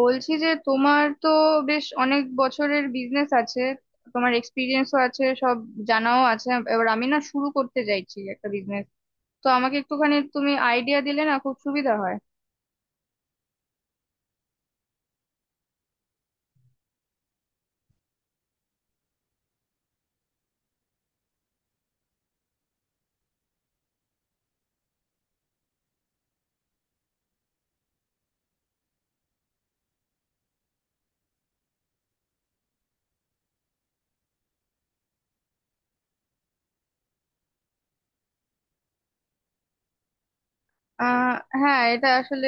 বলছি যে তোমার তো বেশ অনেক বছরের বিজনেস আছে, তোমার এক্সপিরিয়েন্সও আছে, সব জানাও আছে। এবার আমি না শুরু করতে চাইছি একটা বিজনেস, তো আমাকে একটুখানি তুমি আইডিয়া দিলে না খুব সুবিধা হয়। আহ হ্যাঁ, এটা আসলে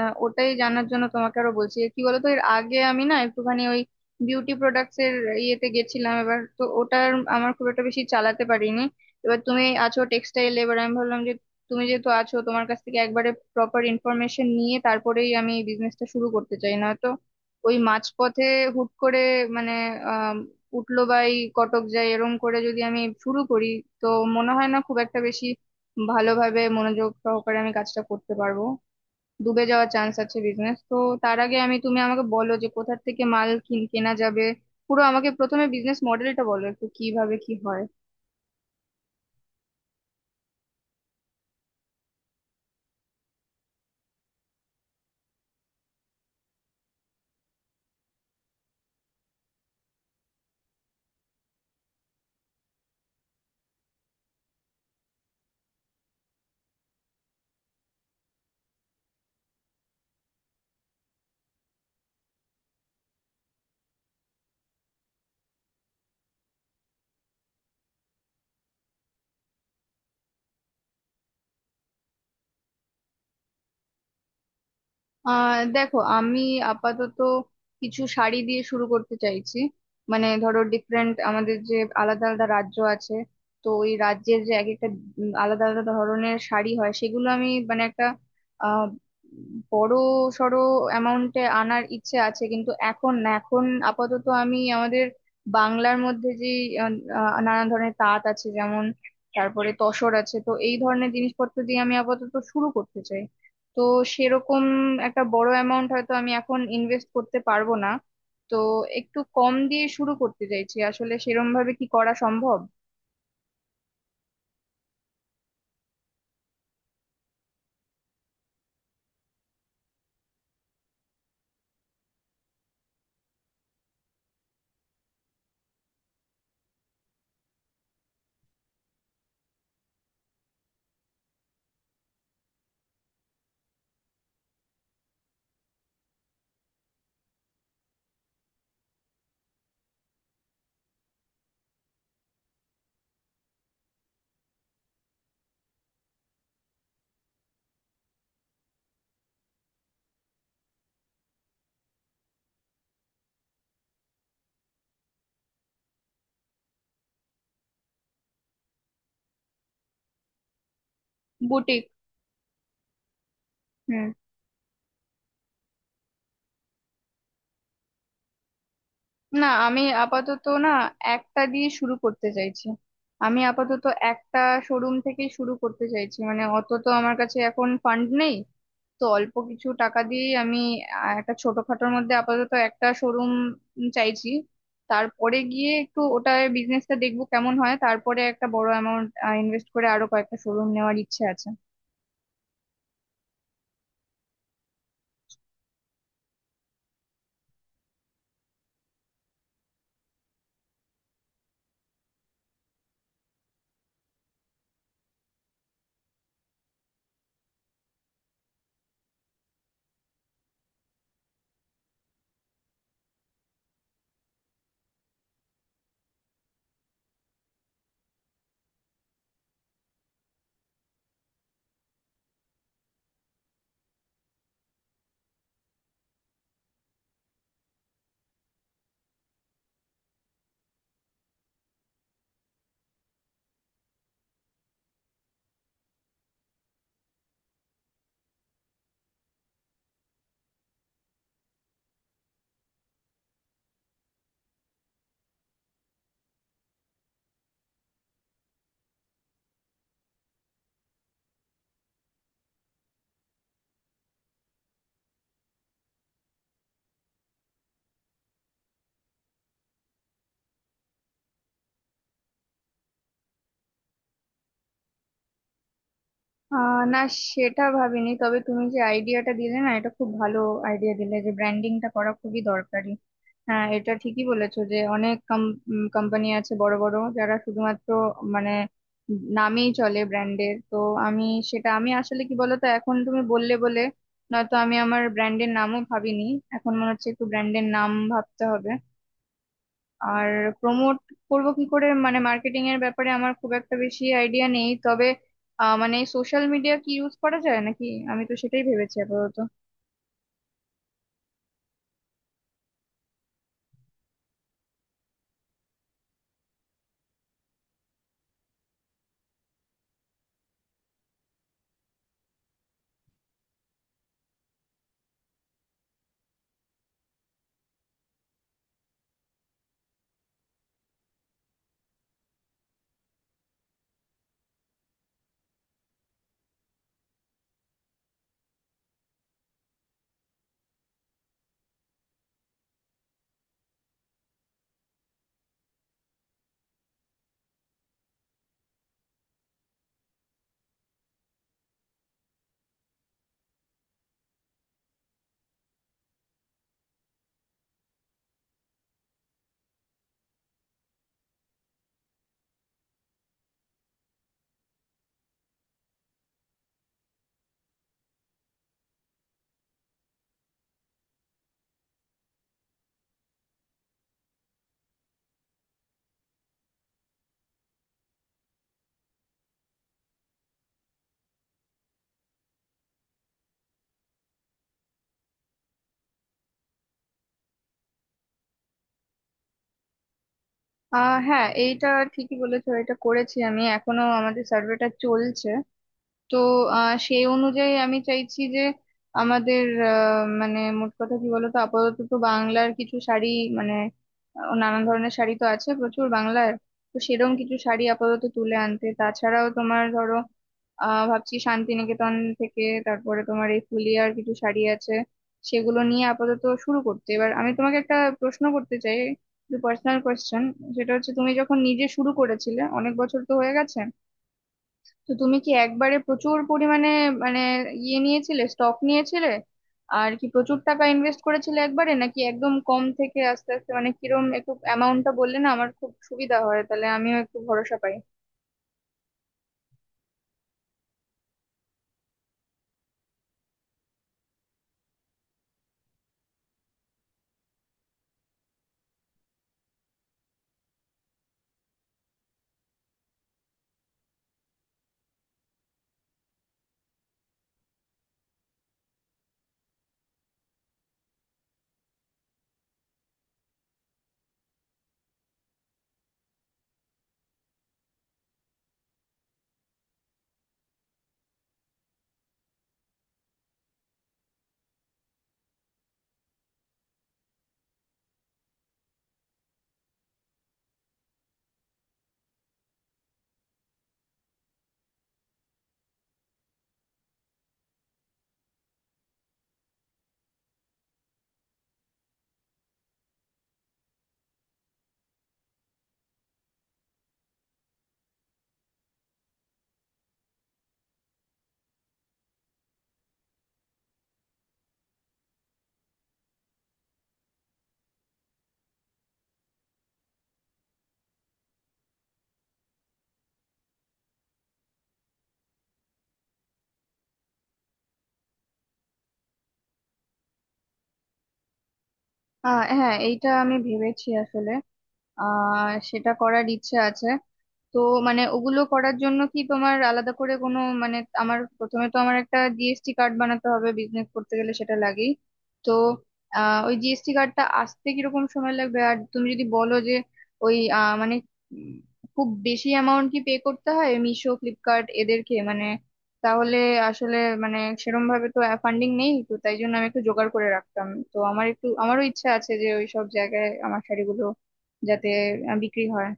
ওটাই জানার জন্য তোমাকে আরো বলছি, কি বলতো, এর আগে আমি না একটুখানি ওই বিউটি প্রোডাক্টস এর ইয়েতে গেছিলাম, এবার তো ওটার আমার খুব একটা বেশি চালাতে পারিনি। এবার তুমি আছো টেক্সটাইল, এবার আমি ভাবলাম যে তুমি যেহেতু আছো, তোমার কাছ থেকে একবারে প্রপার ইনফরমেশন নিয়ে তারপরেই আমি বিজনেসটা শুরু করতে চাই, না তো ওই মাঝপথে হুট করে মানে আহ উঠলো বাই কটক যায় এরম করে যদি আমি শুরু করি, তো মনে হয় না খুব একটা বেশি ভালোভাবে মনোযোগ সহকারে আমি কাজটা করতে পারবো। ডুবে যাওয়ার চান্স আছে বিজনেস তো। তার আগে তুমি আমাকে বলো যে কোথা থেকে মাল কেনা যাবে। পুরো আমাকে প্রথমে বিজনেস মডেলটা বলো একটু, কিভাবে কি হয়। দেখো, আমি আপাতত কিছু শাড়ি দিয়ে শুরু করতে চাইছি। মানে ধরো, ডিফারেন্ট আমাদের যে আলাদা আলাদা রাজ্য আছে, তো ওই রাজ্যের যে এক একটা আলাদা আলাদা ধরনের শাড়ি হয়, সেগুলো আমি মানে একটা আহ বড় সড়ো অ্যামাউন্টে আনার ইচ্ছে আছে, কিন্তু এখন না। এখন আপাতত আমি আমাদের বাংলার মধ্যে যে আহ, আহ, নানা ধরনের তাঁত আছে, যেমন তারপরে তসর আছে, তো এই ধরনের জিনিসপত্র দিয়ে আমি আপাতত শুরু করতে চাই। তো সেরকম একটা বড় অ্যামাউন্ট হয়তো আমি এখন ইনভেস্ট করতে পারবো না, তো একটু কম দিয়ে শুরু করতে চাইছি। আসলে সেরম ভাবে কি করা সম্ভব? বুটিক। হুম। না, আমি আপাতত না একটা দিয়ে শুরু করতে চাইছি। আমি আপাতত একটা শোরুম থেকে শুরু করতে চাইছি, মানে অত তো আমার কাছে এখন ফান্ড নেই। তো অল্প কিছু টাকা দিয়ে আমি একটা ছোটখাটোর মধ্যে আপাতত একটা শোরুম চাইছি। তারপরে গিয়ে একটু ওটা বিজনেসটা দেখবো কেমন হয়, তারপরে একটা বড় অ্যামাউন্ট ইনভেস্ট করে আরো কয়েকটা শোরুম নেওয়ার ইচ্ছে আছে। না, সেটা ভাবিনি, তবে তুমি যে আইডিয়াটা দিলে না, এটা খুব ভালো আইডিয়া দিলে যে ব্র্যান্ডিংটা করা খুবই দরকারি। হ্যাঁ, এটা ঠিকই বলেছো যে অনেক কোম্পানি আছে বড় বড়, যারা শুধুমাত্র মানে নামেই চলে, ব্র্যান্ডের। তো আমি আমি আসলে কি বলতো, এখন তুমি বললে বলে, নয়তো আমি আমার ব্র্যান্ডের নামও ভাবিনি। এখন মনে হচ্ছে একটু ব্র্যান্ডের নাম ভাবতে হবে। আর প্রমোট করব কি করে, মানে মার্কেটিং এর ব্যাপারে আমার খুব একটা বেশি আইডিয়া নেই, তবে মানে সোশ্যাল মিডিয়া কি ইউজ করা যায় নাকি? আমি তো সেটাই ভেবেছি আপাতত। হ্যাঁ, এইটা ঠিকই বলেছো, এটা করেছি। আমি এখনো আমাদের সার্ভেটা চলছে, তো সেই অনুযায়ী আমি চাইছি যে আমাদের মানে মোট কথা কি বলতো, আপাতত তো বাংলার কিছু শাড়ি, মানে নানান ধরনের শাড়ি তো আছে প্রচুর বাংলার, তো সেরকম কিছু শাড়ি আপাতত তুলে আনতে। তাছাড়াও তোমার ধরো, ভাবছি শান্তিনিকেতন থেকে, তারপরে তোমার এই ফুলিয়ার কিছু শাড়ি আছে, সেগুলো নিয়ে আপাতত শুরু করতে। এবার আমি তোমাকে একটা প্রশ্ন করতে চাই, পার্সোনাল কোয়েশ্চেন। সেটা হচ্ছে, তুমি যখন নিজে শুরু করেছিলে, অনেক বছর তো হয়ে গেছে, তো তুমি কি একবারে প্রচুর পরিমাণে মানে ইয়ে নিয়েছিলে, স্টক নিয়েছিলে আর কি প্রচুর টাকা ইনভেস্ট করেছিলে একবারে, নাকি একদম কম থেকে আস্তে আস্তে, মানে কিরম একটু অ্যামাউন্টটা বললে না আমার খুব সুবিধা হয়, তাহলে আমিও একটু ভরসা পাই। হ্যাঁ, এইটা আমি ভেবেছি আসলে। সেটা করার ইচ্ছে আছে। তো মানে ওগুলো করার জন্য কি তোমার আলাদা করে কোনো, মানে আমার প্রথমে তো আমার একটা জিএসটি কার্ড বানাতে হবে, বিজনেস করতে গেলে সেটা লাগেই। তো ওই জিএসটি কার্ডটা আসতে কিরকম সময় লাগবে, আর তুমি যদি বলো যে ওই মানে উম, খুব বেশি অ্যামাউন্ট কি পে করতে হয় মিশো, ফ্লিপকার্ট এদেরকে? মানে তাহলে আসলে মানে সেরম ভাবে তো ফান্ডিং নেই, তো তাই জন্য আমি একটু জোগাড় করে রাখতাম। তো আমার একটু, আমারও ইচ্ছা আছে যে ওই সব জায়গায় আমার শাড়িগুলো যাতে বিক্রি হয়।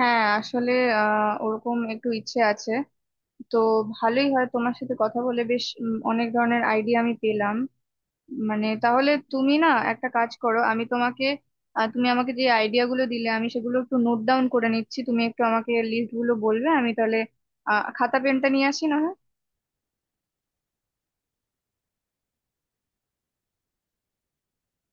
হ্যাঁ আসলে ওরকম একটু ইচ্ছে আছে। তো ভালোই হয়, তোমার সাথে কথা বলে বেশ অনেক ধরনের আইডিয়া আমি পেলাম। মানে তাহলে তুমি না একটা কাজ করো, আমি তোমাকে তুমি আমাকে যে আইডিয়া গুলো দিলে আমি সেগুলো একটু নোট ডাউন করে নিচ্ছি, তুমি একটু আমাকে লিস্ট গুলো বলবে। আমি তাহলে খাতা পেনটা নিয়ে আসি না হয়?